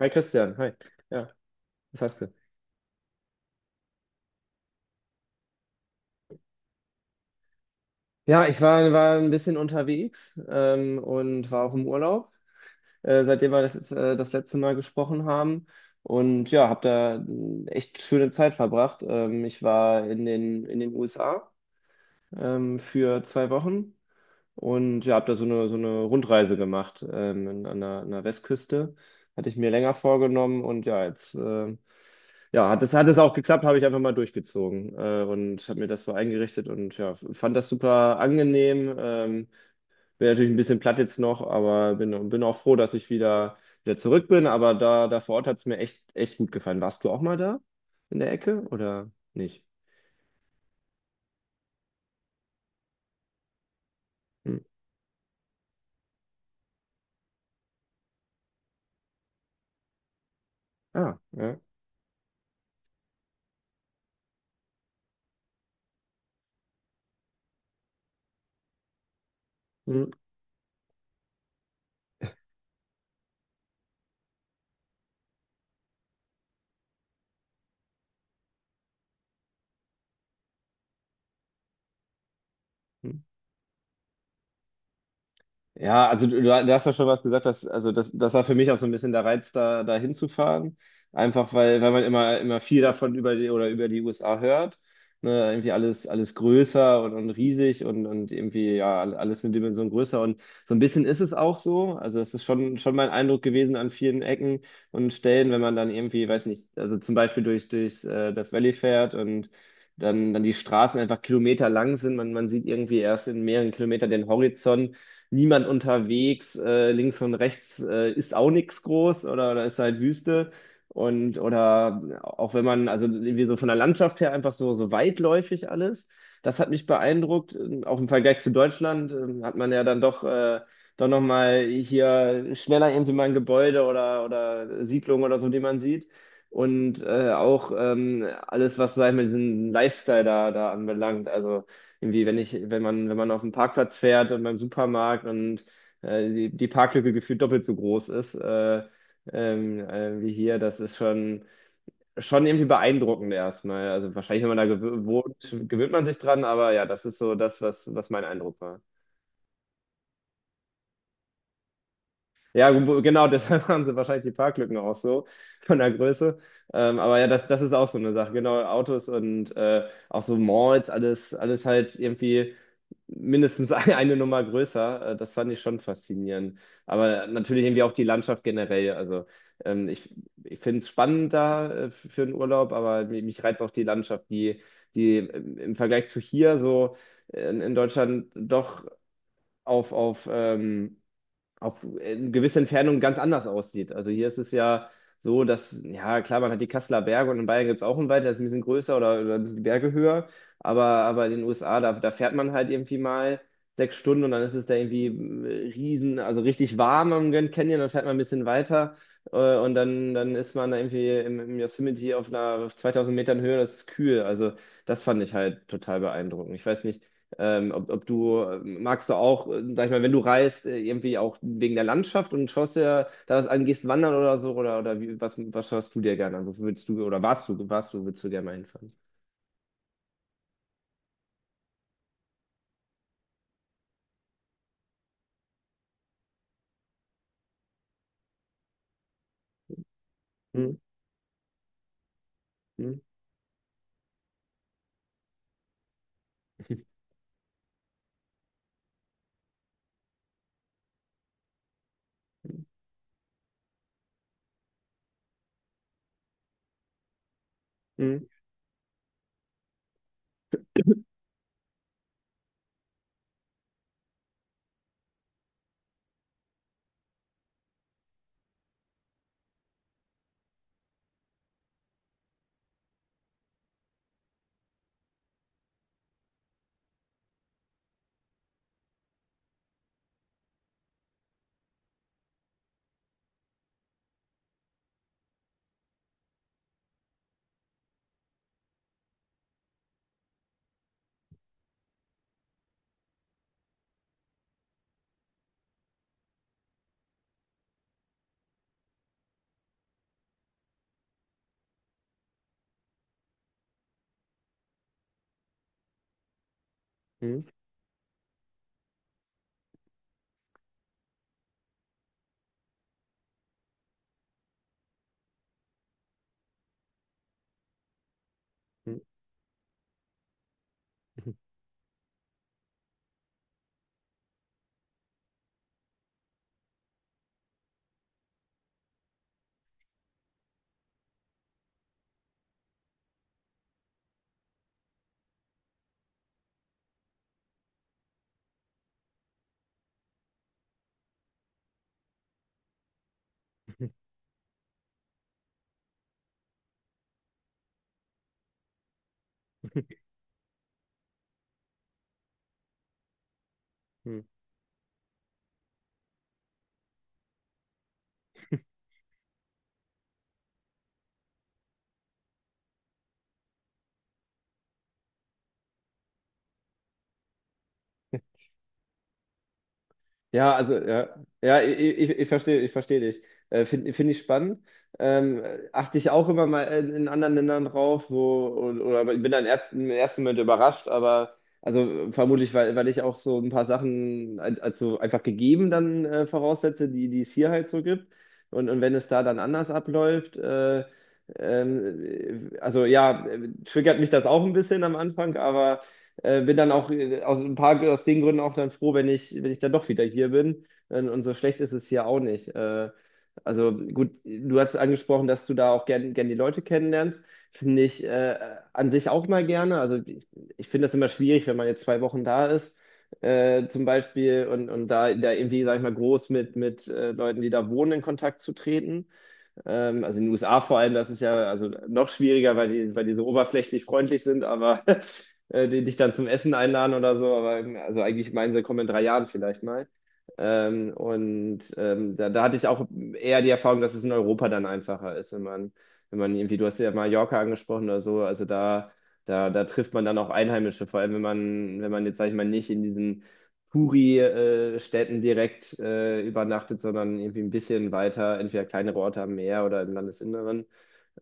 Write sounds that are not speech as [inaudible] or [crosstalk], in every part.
Hi Christian, hi. Ja, was hast du? Ja, ich war ein bisschen unterwegs und war auch im Urlaub, seitdem wir das letzte Mal gesprochen haben. Und ja, habe da echt schöne Zeit verbracht. Ich war in den USA für 2 Wochen und ja, habe da so eine Rundreise gemacht an der Westküste. Hatte ich mir länger vorgenommen und ja, jetzt Ja, hat das hat es auch geklappt, habe ich einfach mal durchgezogen und habe mir das so eingerichtet und ja, fand das super angenehm. Bin natürlich ein bisschen platt jetzt noch, aber bin auch froh, dass ich wieder zurück bin. Aber da vor Ort hat es mir echt, echt gut gefallen. Warst du auch mal da in der Ecke oder nicht? Hm. Ah, ja. Hm. Hm. Ja, also du hast ja schon was gesagt, dass, also das war für mich auch so ein bisschen der Reiz, da hinzufahren. Einfach weil man immer viel davon über die USA hört. Ne, irgendwie alles größer und riesig und irgendwie ja alles eine Dimension größer. Und so ein bisschen ist es auch so. Also das ist schon mein Eindruck gewesen an vielen Ecken und Stellen, wenn man dann irgendwie, weiß nicht, also zum Beispiel durchs Death Valley fährt und dann die Straßen einfach kilometerlang sind. Man sieht irgendwie erst in mehreren Kilometern den Horizont, niemand unterwegs, links und rechts ist auch nichts groß, oder ist halt Wüste. Und oder auch wenn man, also irgendwie so von der Landschaft her einfach so, so weitläufig alles. Das hat mich beeindruckt. Auch im Vergleich zu Deutschland hat man ja dann doch nochmal hier schneller irgendwie mal ein Gebäude oder Siedlung oder so, die man sieht. Und auch alles, was, sag ich mal, diesen Lifestyle da anbelangt. Also irgendwie, wenn man auf den Parkplatz fährt und beim Supermarkt und die Parklücke gefühlt doppelt so groß ist, wie hier, das ist schon irgendwie beeindruckend erstmal. Also wahrscheinlich, wenn man da wohnt, gewöhnt man sich dran, aber ja, das ist so das, was mein Eindruck war. Ja, genau, deshalb [laughs] haben sie wahrscheinlich die Parklücken auch so von der Größe. Aber ja, das ist auch so eine Sache. Genau, Autos und auch so Malls, alles halt irgendwie. Mindestens [laughs] eine Nummer größer. Das fand ich schon faszinierend. Aber natürlich irgendwie auch die Landschaft generell. Also ähm, ich, ich finde es spannend da für einen Urlaub, aber mich reizt auch die Landschaft, die im Vergleich zu hier so in Deutschland doch auf, auf ähm, auf in gewisser Entfernung ganz anders aussieht. Also hier ist es ja so, dass, ja klar, man hat die Kasseler Berge und in Bayern gibt es auch einen Wald, der ist ein bisschen größer, oder sind die Berge höher, aber in den USA, da fährt man halt irgendwie mal 6 Stunden und dann ist es da irgendwie riesen, also richtig warm am Grand Canyon, dann fährt man ein bisschen weiter und dann ist man da irgendwie im Yosemite auf 2000 Metern Höhe, das ist kühl. Also das fand ich halt total beeindruckend. Ich weiß nicht, magst du auch, sag ich mal, wenn du reist, irgendwie auch wegen der Landschaft und schaust dir da was an, gehst wandern oder so, oder wie, was schaust du dir gerne an? Wofür willst du, oder warst du, willst du gerne mal hinfahren? Hm, hm, hm, hm, hm, hm, hm. Hm. Ja, also ja, ja, ich verstehe dich. Find ich spannend. Achte ich auch immer mal in anderen Ländern drauf, so oder bin dann erst im ersten Moment überrascht, aber also vermutlich, weil ich auch so ein paar Sachen als so einfach gegeben dann voraussetze, die es hier halt so gibt. Und wenn es da dann anders abläuft, also ja, triggert mich das auch ein bisschen am Anfang, aber bin dann auch aus ein paar aus den Gründen auch dann froh, wenn ich dann doch wieder hier bin. Und so schlecht ist es hier auch nicht. Also gut, du hast angesprochen, dass du da auch gern, gern die Leute kennenlernst. Finde ich an sich auch mal gerne. Also ich finde das immer schwierig, wenn man jetzt 2 Wochen da ist, zum Beispiel, und da irgendwie, sag ich mal, groß mit Leuten, die da wohnen, in Kontakt zu treten. Also in den USA vor allem, das ist ja also noch schwieriger, weil die so oberflächlich freundlich sind, aber [laughs] die dich dann zum Essen einladen oder so. Aber also eigentlich meinen sie, komm in 3 Jahren vielleicht mal. Da hatte ich auch eher die Erfahrung, dass es in Europa dann einfacher ist, wenn man irgendwie, du hast ja Mallorca angesprochen oder so, also da trifft man dann auch Einheimische, vor allem wenn man jetzt, sag ich mal, nicht in diesen Touri-Städten direkt übernachtet, sondern irgendwie ein bisschen weiter, entweder kleinere Orte am Meer oder im Landesinneren.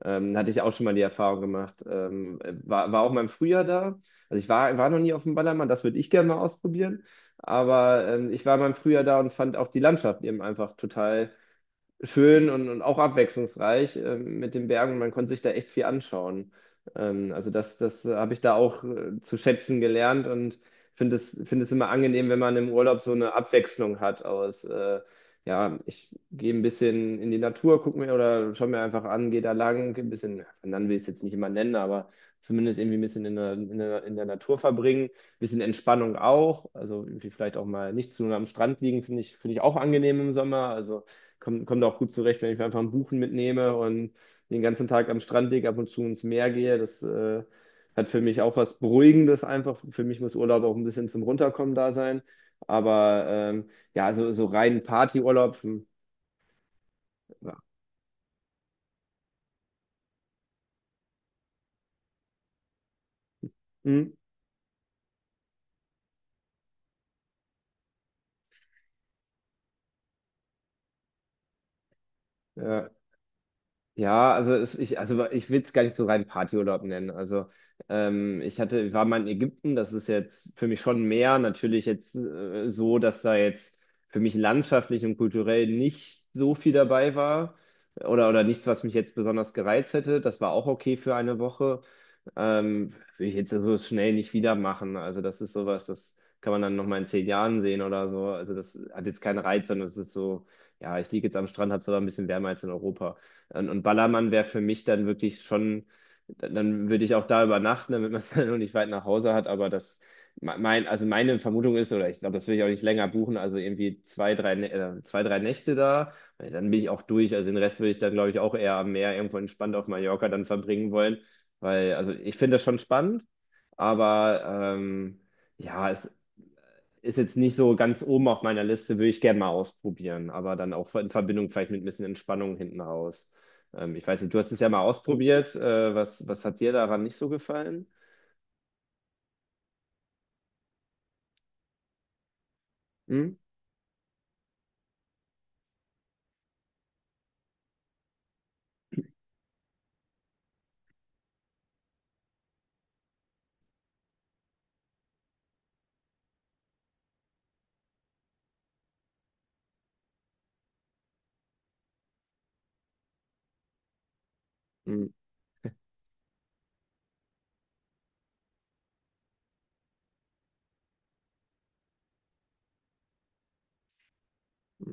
Hatte ich auch schon mal die Erfahrung gemacht. War auch mal im Frühjahr da. Also ich war noch nie auf dem Ballermann, das würde ich gerne mal ausprobieren. Aber ich war mal im Frühjahr da und fand auch die Landschaft eben einfach total schön und auch abwechslungsreich mit den Bergen. Man konnte sich da echt viel anschauen. Also das habe ich da auch zu schätzen gelernt und finde es immer angenehm, wenn man im Urlaub so eine Abwechslung hat aus, ja, ich gehe ein bisschen in die Natur, gucke mir oder schau mir einfach an, gehe da lang, ein bisschen, dann will ich es jetzt nicht immer nennen, aber zumindest irgendwie ein bisschen in der Natur verbringen, ein bisschen Entspannung auch, also irgendwie vielleicht auch mal nicht zu lange am Strand liegen, finde ich auch angenehm im Sommer, also komm da auch gut zurecht, wenn ich mir einfach ein Buchen mitnehme und den ganzen Tag am Strand liege, ab und zu ins Meer gehe. Das hat für mich auch was Beruhigendes einfach. Für mich muss Urlaub auch ein bisschen zum Runterkommen da sein. Aber ja, so, so rein Partyurlaub, hm, ja. Hm, ja. Ja, also also ich will es gar nicht so rein Partyurlaub nennen. Also ich war mal in Ägypten, das ist jetzt für mich schon mehr natürlich jetzt so, dass da jetzt für mich landschaftlich und kulturell nicht so viel dabei war oder nichts, was mich jetzt besonders gereizt hätte. Das war auch okay für eine Woche, würde ich jetzt so schnell nicht wieder machen. Also das ist sowas, das kann man dann noch mal in 10 Jahren sehen oder so. Also das hat jetzt keinen Reiz, sondern es ist so, ja, ich liege jetzt am Strand, habe es aber ein bisschen wärmer als in Europa. Und Ballermann wäre für mich dann wirklich schon, dann würde ich auch da übernachten, damit man es [laughs] dann noch nicht weit nach Hause hat. Aber das, mein, also meine Vermutung ist, oder ich glaube, das will ich auch nicht länger buchen, also irgendwie zwei, drei Nächte da. Weil dann bin ich auch durch. Also den Rest würde ich dann, glaube ich, auch eher am Meer irgendwo entspannt auf Mallorca dann verbringen wollen. Weil, also ich finde das schon spannend, aber ähm, ja, es ist jetzt nicht so ganz oben auf meiner Liste, würde ich gerne mal ausprobieren, aber dann auch in Verbindung vielleicht mit ein bisschen Entspannung hinten raus. Ich weiß nicht, du hast es ja mal ausprobiert. Was hat dir daran nicht so gefallen? Hm? Hm, hm,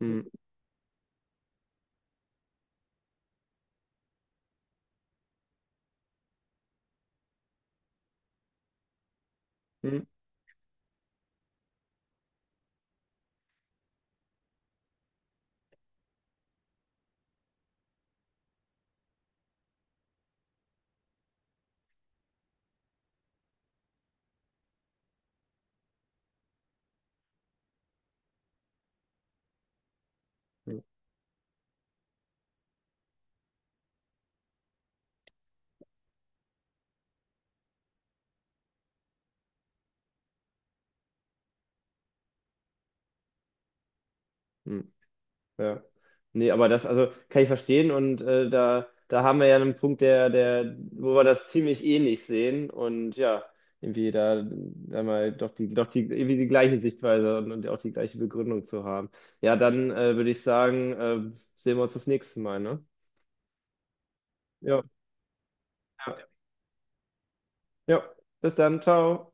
hm, hm, hm, hm. Ja. Nee, aber das, also kann ich verstehen und da haben wir ja einen Punkt, der, wo wir das ziemlich ähnlich sehen und ja, irgendwie da mal irgendwie die gleiche Sichtweise und auch die gleiche Begründung zu haben. Ja, dann würde ich sagen, sehen wir uns das nächste Mal, ne? Ja, ja, ja. Bis dann, ciao.